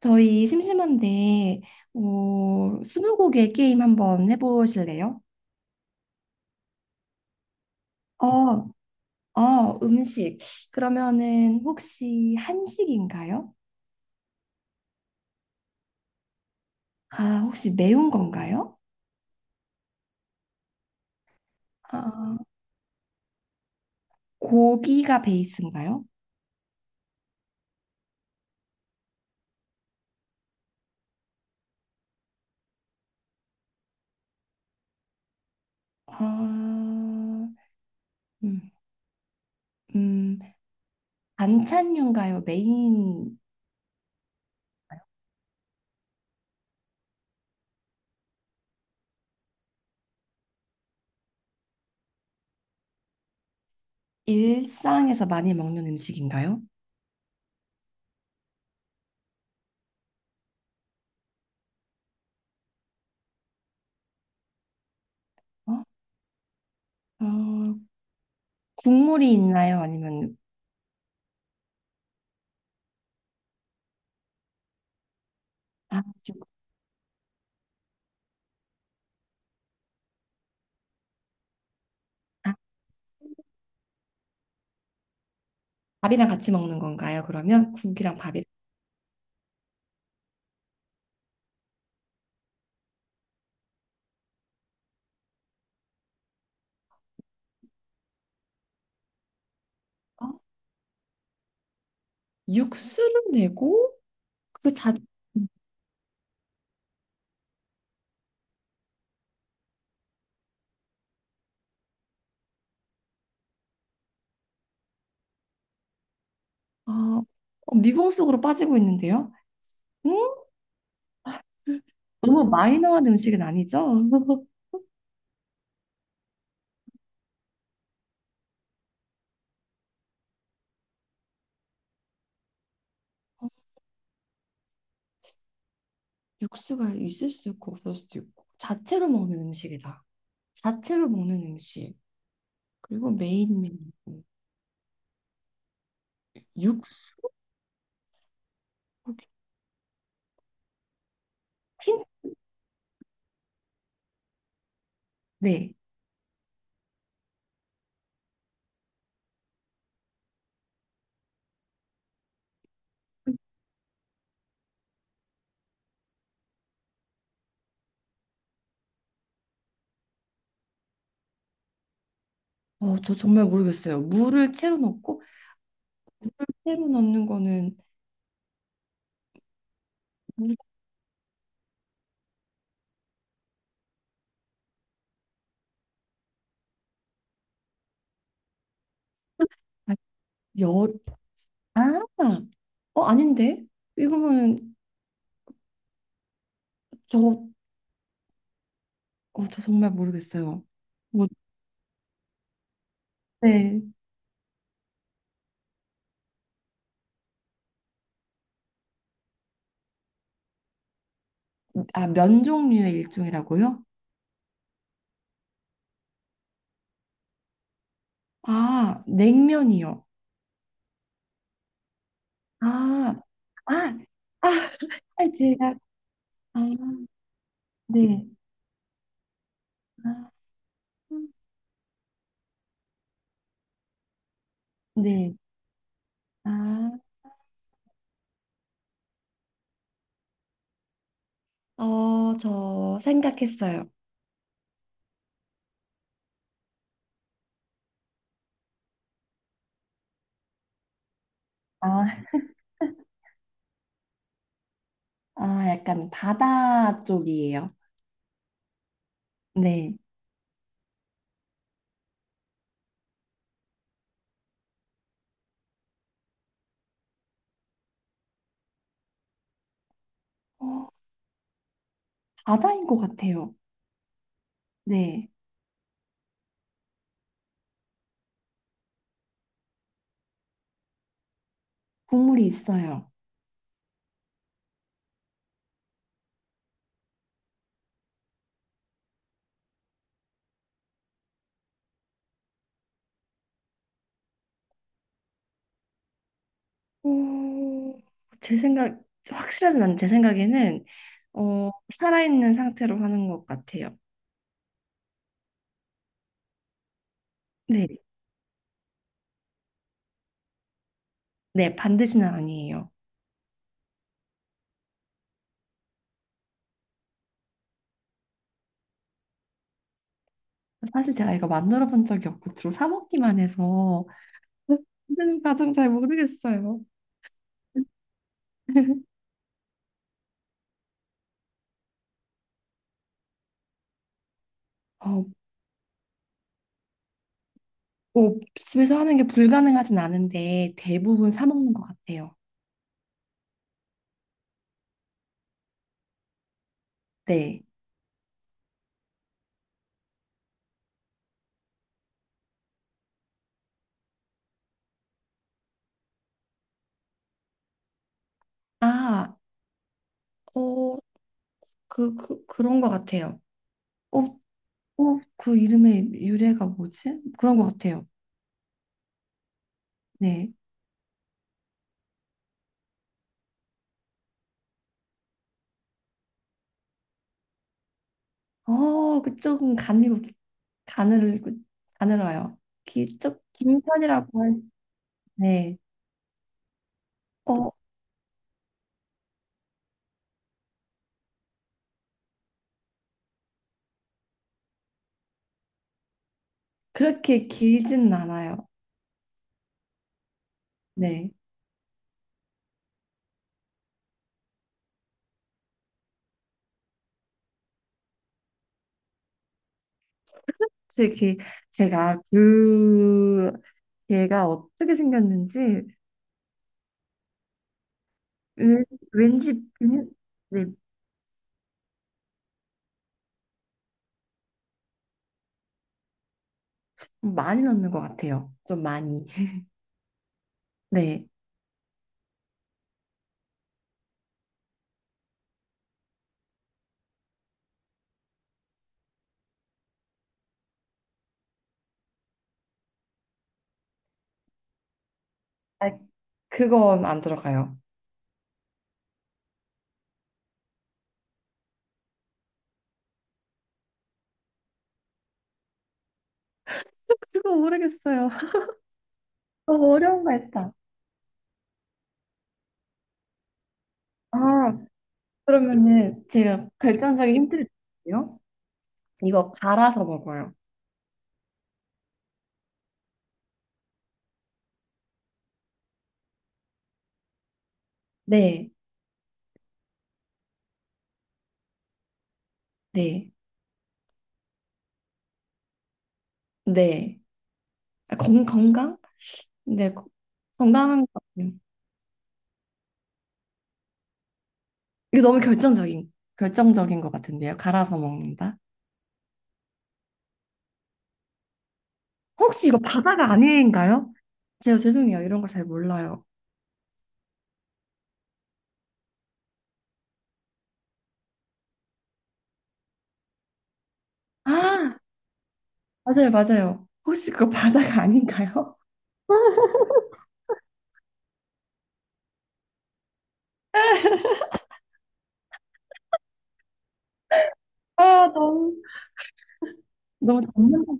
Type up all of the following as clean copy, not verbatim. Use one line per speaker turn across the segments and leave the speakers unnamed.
저희 심심한데, 스무고개 게임 한번 해보실래요? 어, 음식. 그러면은 혹시 한식인가요? 아, 혹시 매운 건가요? 아, 고기가 베이스인가요? 아, 음, 음, 반찬류인가요? 메인 일상에서 많이 먹는 음식인가요? 어? 어, 국물이 있나요? 아니면 아, 죽- 아, 밥이랑 같이 먹는 건가요? 그러면 국이랑 밥이 육수를 내고 그 자, 아, 미궁 속으로 빠지고 있는데요. 응? 너무 마이너한 음식은 아니죠? 육수가 있을 수도 있고 없을 수도 있고 자체로 먹는 음식이다. 자체로 먹는 음식 그리고 메인 메뉴 육수 힌- 네. 어, 저 정말 모르겠어요. 물을 채로 넣고 채로 넣는 거는 물, 아, 열, 아, 어, 아닌데? 이거는 저, 어, 저 정말 모르겠어요. 뭐, 네. 아, 면 종류의 일종이라고요? 아, 냉면이요. 아, 아, 아, 제가, 아, 네. 아, 네. 아, 저 생각했어요. 아, 아, 약간 바다 쪽이에요. 네. 어, 바다인 것 같아요. 네. 국물이 있어요. 오, 제 생각, 확실하진 않은데 제 생각에는 어, 살아있는 상태로 하는 것 같아요. 네, 네, 반드시는 아니에요. 사실 제가 이거 만들어 본 적이 없고 주로 사 먹기만 해서 만드는 과정 잘 모르겠어요. 어, 뭐 집에서 하는 게 불가능하진 않은데 대부분 사 먹는 것 같아요. 네. 아, 어, 그 그런 것 같아요. 어, 그 이름의 유래가 뭐지? 그런 것 같아요. 네. 어, 그쪽은 가늘고 가늘, 가늘어요. 긴 편이라고 할, 네. 어, 그렇게 길진 않아요. 네. 솔직히 제가 그 얘가 어떻게 생겼는지 왠- 왠지 비누- 네, 많이 넣는 것 같아요. 좀 많이. 네. 아, 그건 안 들어가요. 그거 모르겠어요. 너무 어려운 거 했다. 아, 그러면은 제가 결정적인 힌트를 드릴게요. 이거 갈아서 먹어요. 네, 네, 네. 아, 건강? 네, 거- 건강한 거. 이게 너무 결정적인 것 같은데요. 갈아서 먹는다. 혹시 이거 바다가 아닌가요? 제가 죄송해요. 이런 걸 잘 몰라요. 아, 맞아요, 맞아요. 혹시 그거 바다가 아닌가요? 아, 너무, 너무 잡는다.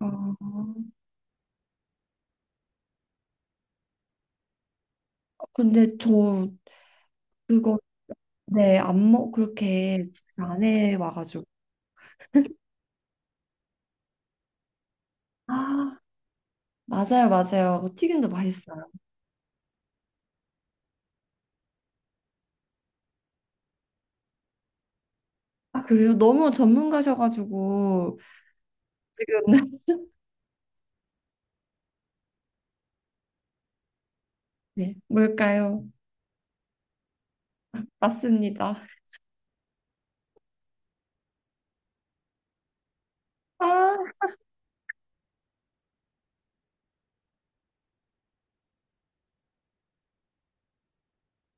아, 근데 저 그거, 네, 안 먹, 그렇게 집에 안 해와가지고. 아, 맞아요, 맞아요. 그거 튀김도 맛있어요. 아, 그래요? 너무 전문가셔가지고, 지금, 네, 뭘까요? 맞습니다. 아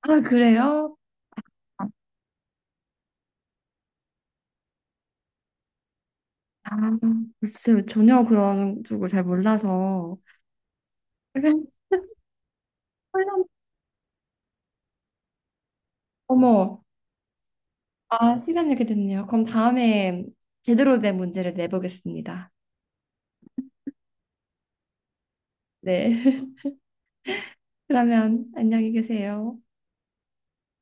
아, 그래요? 아, 글쎄요. 전혀 그런 쪽을 잘 몰라서. 그냥 훌륭- 어머, 아, 시간 이렇게 됐네요. 그럼 다음에 제대로 된 문제를 내보겠습니다. 네. 그러면 안녕히 계세요.